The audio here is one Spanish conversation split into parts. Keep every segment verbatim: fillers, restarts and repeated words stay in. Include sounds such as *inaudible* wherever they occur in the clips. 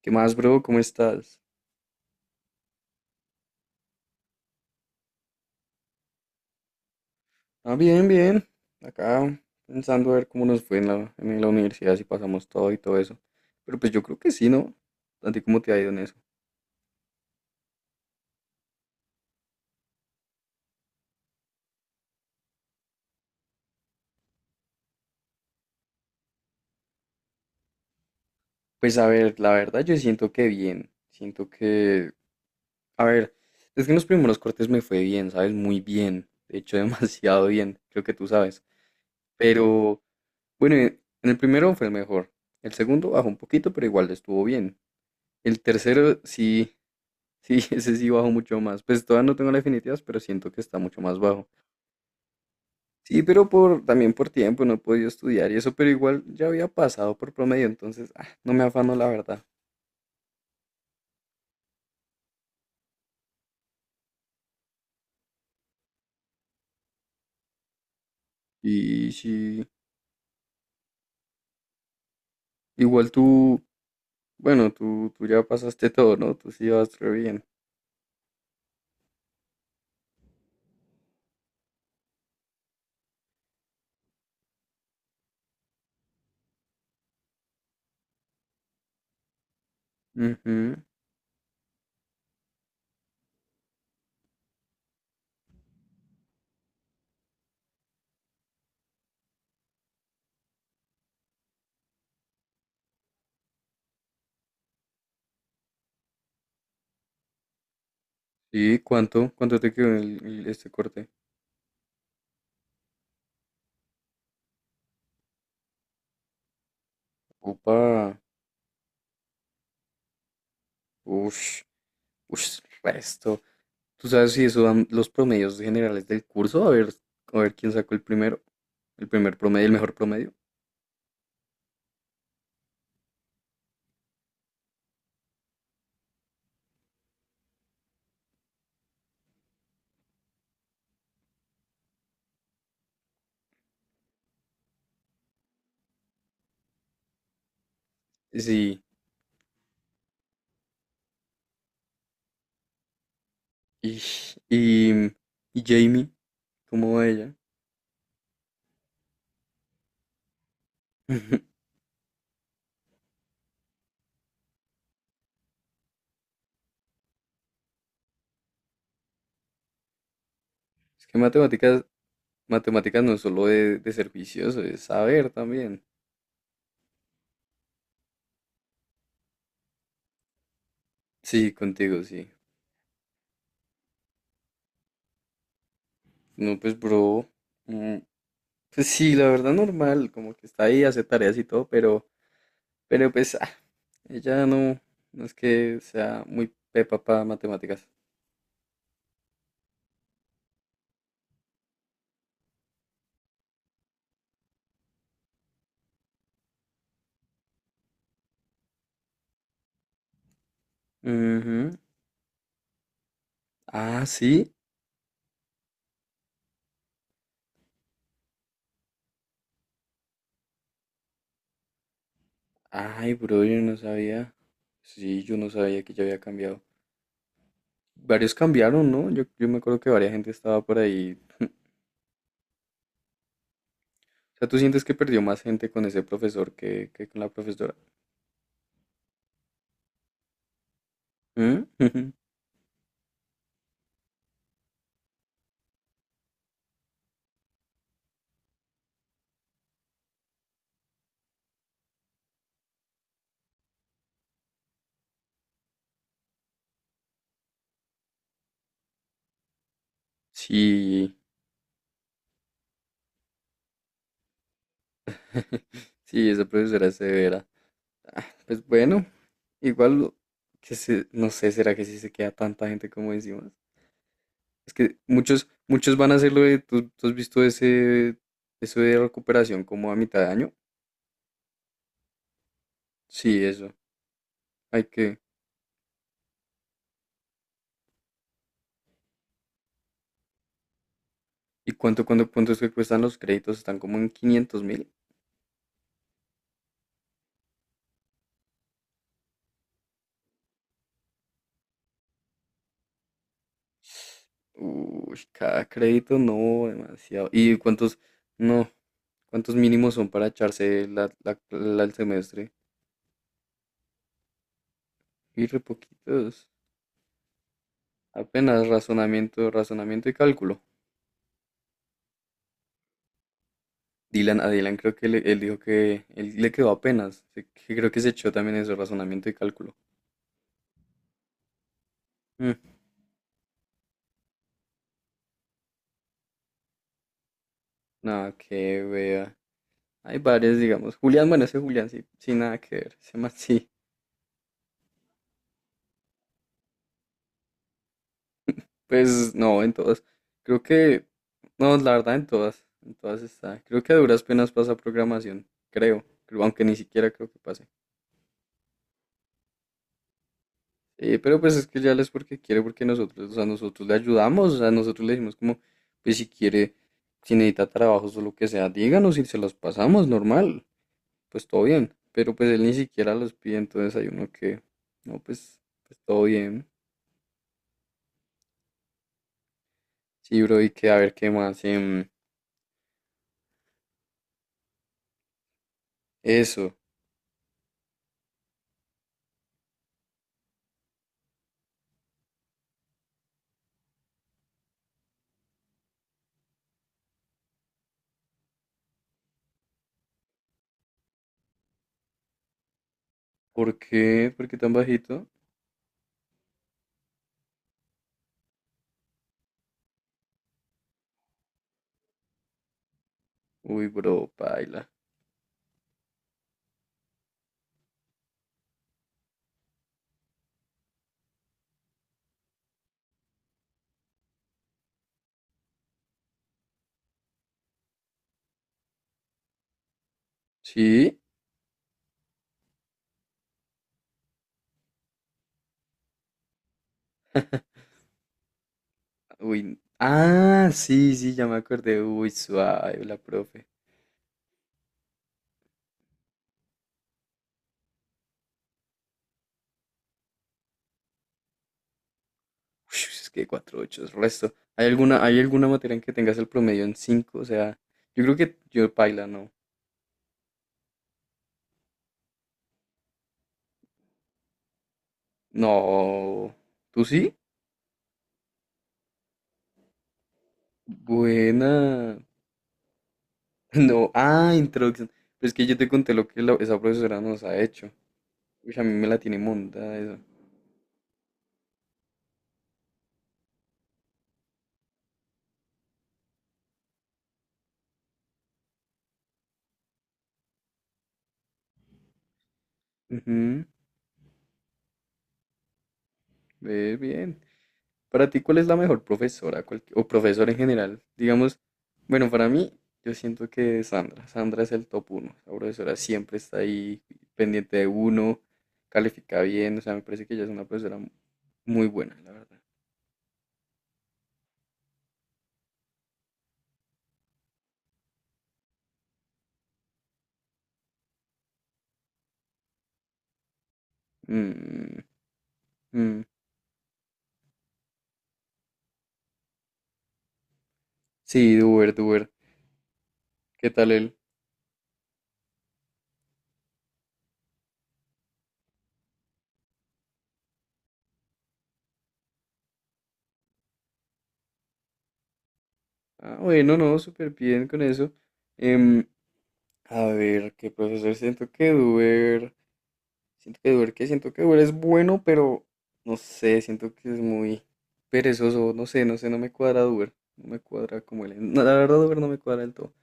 ¿Qué más, bro? ¿Cómo estás? Ah, bien, bien. Acá pensando a ver cómo nos fue en la, en la universidad, si pasamos todo y todo eso. Pero pues yo creo que sí, ¿no? ¿A ti cómo te ha ido en eso? Pues a ver, la verdad yo siento que bien. Siento que... A ver, es que en los primeros cortes me fue bien, ¿sabes? Muy bien. De hecho, *laughs* demasiado bien. Creo que tú sabes. Pero bueno, eh, en el primero fue el mejor. El segundo bajó un poquito, pero igual estuvo bien. El tercero sí, Sí, *laughs* ese sí bajo mucho más. Pues todavía no tengo la definitivas, pero siento que está mucho más bajo. Sí, pero por, también por tiempo no he podido estudiar y eso, pero igual ya había pasado por promedio, entonces ah, no me afano la verdad. Y sí, igual tú, bueno, tú, tú ya pasaste *laughs* todo, ¿no? Tú sí vas re bien. Ujú. Sí, ¿cuánto? ¿Cuánto te quedó el, el- este corte? Opa, uff, uff, resto. ¿Tú sabes si eso dan los promedios generales del curso? A ver, a ver quién sacó el primero, el primer promedio, el mejor promedio. Sí. Y, y, y Jamie, ¿cómo va ella? *laughs* Es que matemáticas, matemáticas no es solo de, de ser vicioso, es saber también. Sí, contigo, sí. No, pues, bro. mm, Pues sí, la verdad normal, como que está ahí, hace tareas y todo, pero, pero pues, ah, ella no, no es que sea muy pepa para matemáticas. Ujú. Ah, sí. Ay, bro, yo no sabía. Sí, yo no sabía que ya había cambiado. Varios cambiaron, ¿no? Yo, yo me acuerdo que varias gente estaba por ahí. O sea, ¿tú sientes que perdió más gente con ese profesor que, que con la profesora? ¿Mm? *laughs* Sí, *laughs* sí, esa profesora es severa. Pues bueno, igual, que se, no sé, ¿será que sí se queda tanta gente como encima? Es que muchos, muchos van a hacerlo de, ¿tú, tú has visto ese, eso de recuperación como a mitad de año? Sí, eso. Hay que... ¿Y cuánto, cuánto, cuánto es que cuestan los créditos? ¿Están como en quinientos mil? Uy, cada crédito no, demasiado. ¿Y cuántos, no, cuántos mínimos son para echarse la, la- la- el semestre? Y re poquitos. Apenas razonamiento, razonamiento y cálculo. Dylan, a Dylan creo que le- él dijo que él le quedó apenas. Se- que creo que se echó también eso, razonamiento y cálculo. Mm, Nada que vea. Hay varios, digamos. Julián, bueno, ese Julián sí, sin nada que ver. Ese man sí. Pues no, en todas. Creo que, no, la verdad, en todas. En todas está. Creo que a duras penas pasa programación. Creo. Creo, aunque ni siquiera creo que pase. Eh, pero pues es que ya es porque quiere, porque nosotros, o sea, nosotros le ayudamos, o sea, nosotros le decimos como, pues si quiere, si necesita trabajos o lo que sea, díganos y se los pasamos, normal, pues todo bien. Pero pues él ni siquiera los pide, entonces hay uno que, no, pues, pues todo bien. Sí, bro, y que a ver qué más. Em, eso. ¿Por qué? ¿Por qué tan bajito? Uy, bro, paila. ¿Sí? Uy. Ah, sí, sí, ya me acordé. Uy, suave, la profe. Uy, es que cuatro ocho es resto. ¿Hay alguna, hay alguna materia en que tengas el promedio en cinco? O sea, yo creo que yo paila, no. No. ¿Tú sí? Buena. *laughs* No. Ah, introducción. Pero es que yo te conté lo que la- esa profesora nos ha hecho. Uy, a mí me la tiene montada eso. Ujú, ve bien. Para ti, ¿cuál es la mejor profesora Cual- o profesora en general? Digamos, bueno, para mí, yo siento que Sandra. Sandra es el top uno. La profesora siempre está ahí pendiente de uno, califica bien. O sea, me parece que ella es una profesora mu- muy buena, la verdad. Mm, mm. Sí, Duber, Duber. ¿Qué tal él? Ah, bueno, no, súper bien con eso. Em, a ver, ¿qué profesor siento que Duber? Siento que Uber, que siento que Uber es bueno, pero no sé, siento que es muy perezoso, no sé, no sé, no me cuadra Uber, no me cuadra como él. No, la verdad Uber no me cuadra del todo.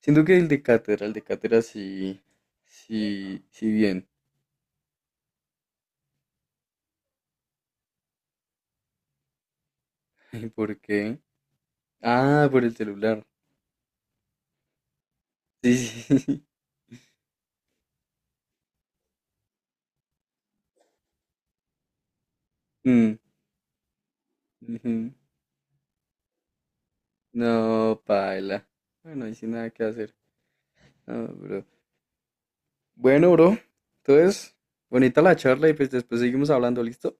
Siento que el de Cátedra, el de Cátedra sí, sí, sí bien. *laughs* ¿Y por qué? Ah, por el celular. Sí, sí, sí. *laughs* Mm, ujú. No, paila. Bueno, ahí sin nada que hacer. No, bro. Bueno, bro. Entonces, bonita la charla y pues después seguimos hablando, ¿listo?